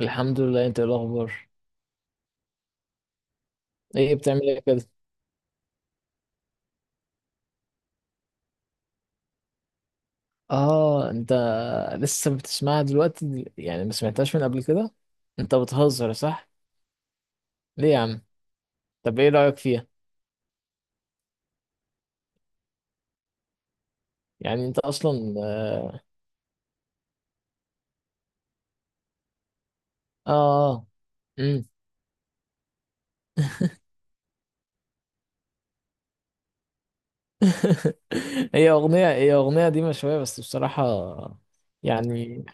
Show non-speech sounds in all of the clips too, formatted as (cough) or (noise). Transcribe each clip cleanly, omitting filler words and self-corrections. الحمد لله، انت ايه الاخبار؟ ايه بتعمل ايه كده؟ اه، انت لسه بتسمعها دلوقتي؟ يعني ما سمعتهاش من قبل كده؟ انت بتهزر صح؟ ليه يا عم؟ طب ايه رايك فيها؟ يعني انت اصلا اه امم (laughs) هي اغنيه دي شويه بس بصراحه يعني.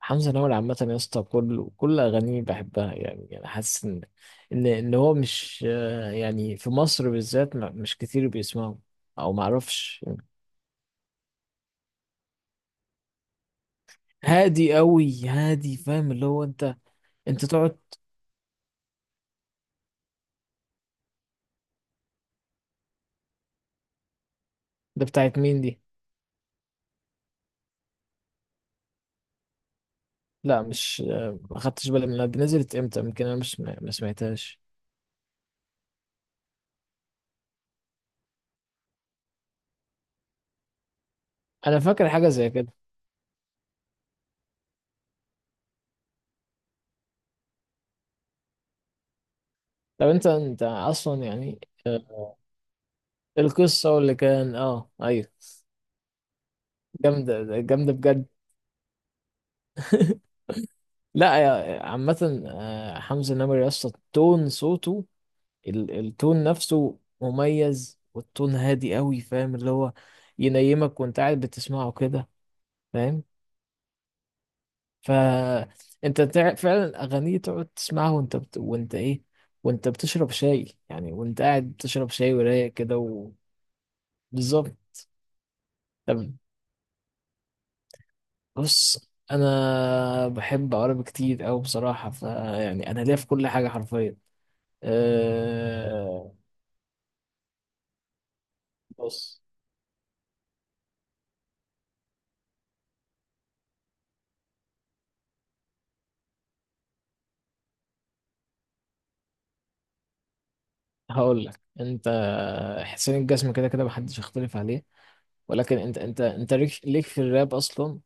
حمزه نمرة عامه يا اسطى، كل اغانيه بحبها، يعني انا حاسس ان هو مش، يعني في مصر بالذات مش كتير بيسمعه، او ما اعرفش. هادي قوي هادي، فاهم اللي هو؟ انت. انت تقعد. ده بتاعت مين دي؟ لا مش، ما خدتش بالي منها، دي نزلت امتى؟ يمكن انا مش ما سمعتهاش. انا فاكر حاجه زي كده. طب انت اصلا، يعني آه، القصه اللي كان. اه ايوه، جامده جامده بجد. (laughs) لا، عامه حمزه نمرة يا اسطى تون صوته، التون نفسه مميز، والتون هادي قوي، فاهم اللي هو؟ ينيمك وانت قاعد بتسمعه كده، فاهم؟ فانت فعلا اغانيه تقعد تسمعها وانت وانت ايه، وانت بتشرب شاي يعني، وانت قاعد بتشرب شاي ورايق كده و... بالظبط. طب، بص انا بحب عربي كتير قوي بصراحه، فيعني انا ليا في كل حاجه حرفيا. أه... بص، هقول لك انت، حسين الجسم كده كده محدش يختلف عليه، ولكن انت ليك في الراب اصلا.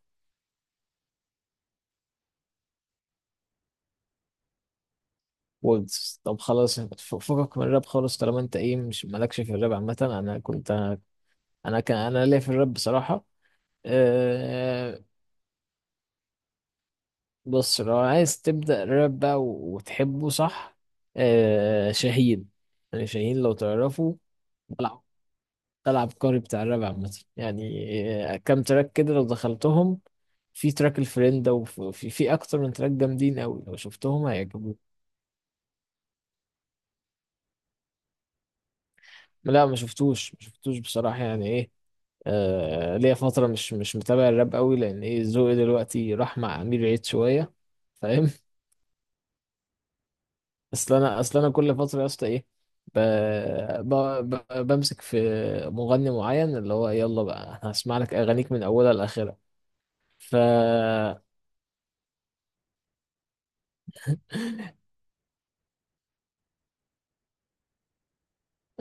ويجز، طب خلاص، فكك من الراب خالص، طالما انت ايه مش مالكش في الراب عامة. انا كنت، انا ليا في الراب بصراحة. أه بص، لو عايز تبدأ راب بقى وتحبه، صح؟ شاهين، يعني شاهين لو تعرفه. طلع. طلع عبقري بتاع الراب عامة يعني. كام تراك كده لو دخلتهم، في تراك الفريندة، وفي اكتر من تراك جامدين قوي، لو شفتهم هيعجبوك. لا، ما شفتوش بصراحة يعني ايه. ليا فترة مش متابع الراب قوي، لأن إيه، ذوقي دلوقتي راح مع أمير عيد شوية، فاهم؟ (laughs) أصل أنا كل فترة يا اسطى إيه، ب... ب... بمسك في مغني معين، اللي هو يلا بقى هسمع لك أغانيك من أولها لآخرها. ف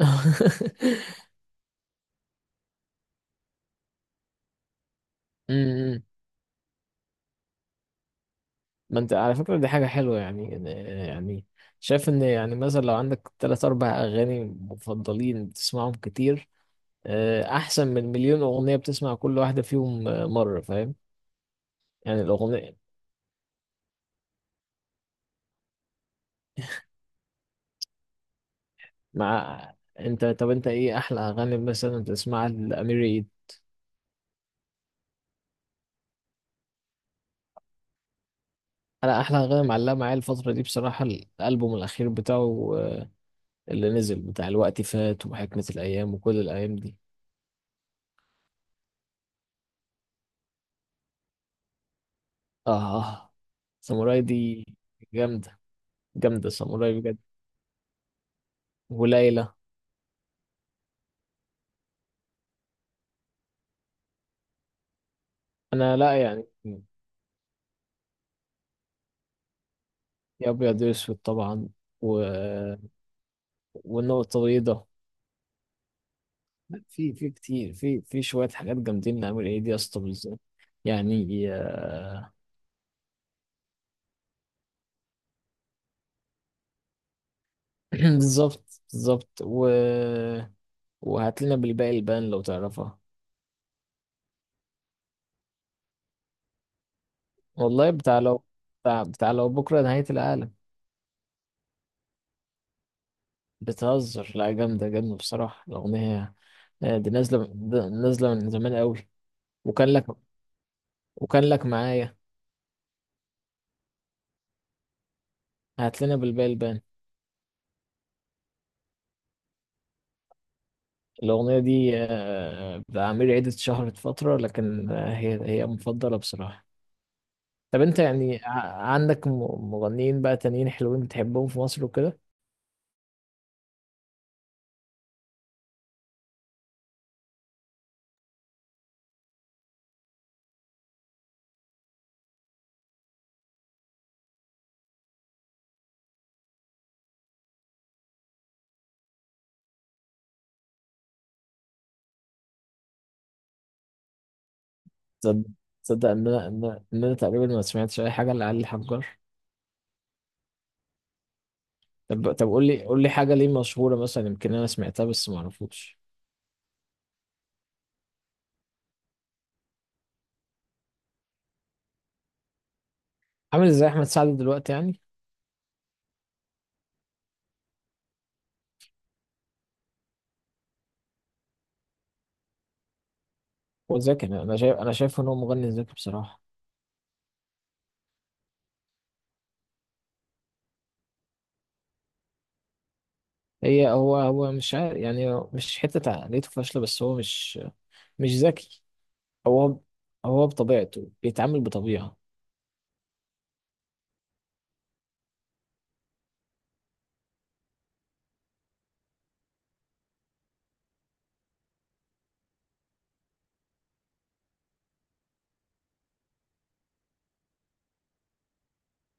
(laughs) أمم. ما أنت على فكرة دي حاجة حلوة يعني. يعني شايف إن، يعني مثلا لو عندك تلات أربع أغاني مفضلين بتسمعهم كتير، احسن من مليون اغنيه بتسمع كل واحده فيهم، مره، فاهم؟ يعني الاغنيه. مع. انت، طب انت ايه احلى اغاني مثلا تسمعها لامير عيد؟ انا احلى اغاني معلقه معايا الفتره دي بصراحه الالبوم الاخير بتاعه، اللي نزل، بتاع الوقت فات وحكمه الايام وكل الايام دي. اه، ساموراي دي جامده. جامده ساموراي بجد. وليلى. انا لا يعني. يا ابيض يا اسود طبعا، و... والنقطه البيضاء. لا، في كتير، في شويه حاجات جامدين، نعمل ايه دي يا اسطى؟ بالظبط، يعني (clears throat) بالظبط بالظبط و... وهات لنا بالباقي البان لو تعرفها. والله بتاع لو، بتاع لو بكره نهايه العالم. بتهزر؟ لا، جامده جامده بصراحه الاغنيه، دي نازله من زمان قوي. وكان لك، وكان لك معايا. هات لنا بالباقي البان. الاغنيه دي، بتاع عمير عيد، اتشهرت فتره، لكن هي مفضله بصراحه. طب انت، يعني عندك مغنيين بقى تانيين حلوين بتحبهم في مصر وكده؟ تصدق، تصدق ان انا تقريبا ما سمعتش اي حاجه لعلي حجار. طب قول لي حاجه ليه مشهوره مثلا، يمكن انا سمعتها بس ما اعرفوش. عامل ازاي احمد سعد دلوقتي يعني؟ هو ذكي، انا شايف ان هو مغني ذكي بصراحه. هو مش عارف، يعني مش حته عقليته فاشله، بس هو مش ذكي. هو هو بطبيعته بيتعامل بطبيعه.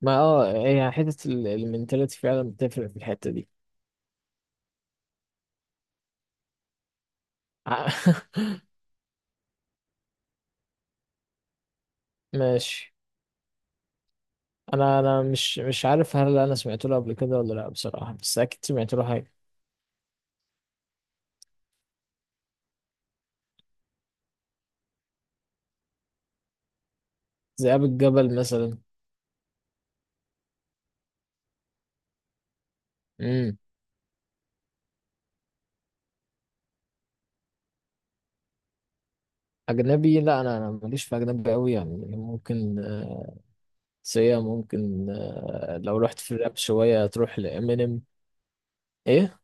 ما هي حتة المنتاليتي فعلا بتفرق في الحتة دي. ع- (laughs) ماشي. انا مش عارف هل انا سمعت له قبل كده ولا لا بصراحة، بس اكيد سمعت له حاجة. ذئاب الجبل مثلا. امم. اجنبي، لا انا ماليش في اجنبي قوي، يعني ممكن سيا، ممكن لو رحت في الراب شوية تروح لامينيم. ايه.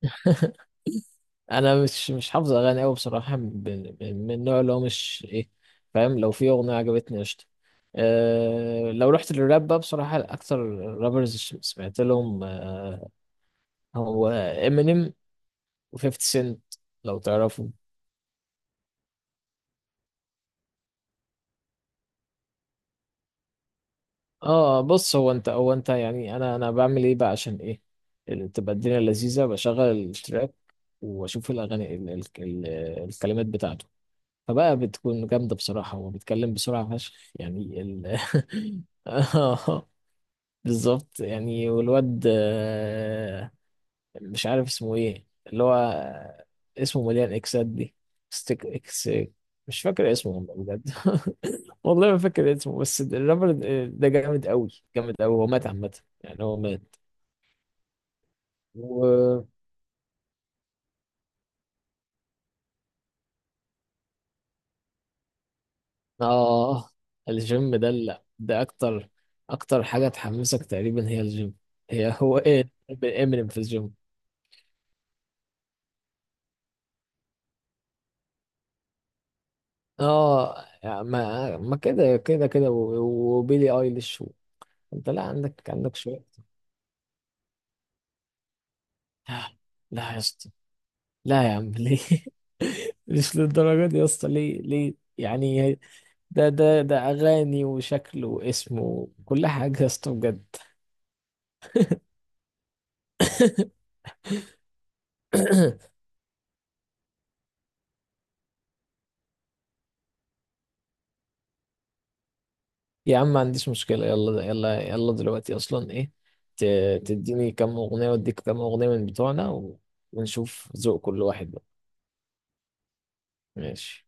(laughs) انا مش حافظ اغاني قوي بصراحه، من النوع اللي هو مش ايه، فاهم؟ لو في اغنيه عجبتني قشطه. لو رحت للراب بقى بصراحه اكتر رابرز، سمعت لهم، هو امينيم و50 سنت، لو تعرفوا. اه بص، هو انت يعني، انا بعمل ايه بقى عشان ايه؟ تبقى الدنيا لذيذه، بشغل التراك واشوف الاغاني ال ال ال الكلمات بتاعته، فبقى بتكون جامده بصراحه، هو بيتكلم بسرعه فشخ يعني (laughs) آه. بالظبط يعني، والواد مش عارف اسمه ايه، اللي هو اسمه مليان اكسات دي. ستيك اكس. مش فاكر اسمه والله بجد. (laughs) والله ما فاكر اسمه، بس الرابر ده جامد قوي. جامد قوي. هو مات عامة يعني، هو مات. و اه الجيم ده، لا ده اكتر. اكتر حاجة تحمسك تقريبا هي الجيم. هي (laughs) هو ايه، امينيم في الجيم. اه، ما كده كده كده وبيلي ايليش. انت لا عندك شويه. لا لا يا اسطى. لا يا عم ليه؟ (laughs) مش للدرجه دي يا اسطى، ليه ليه يعني؟ ده اغاني وشكل واسم وكل حاجه يا اسطى بجد. (coughs) يا عم ما عنديش مشكله، يلا يلا يلا دلوقتي اصلا ايه، تديني كام اغنيه واديك كام اغنيه من بتوعنا ونشوف ذوق كل واحد بقى. ماشي.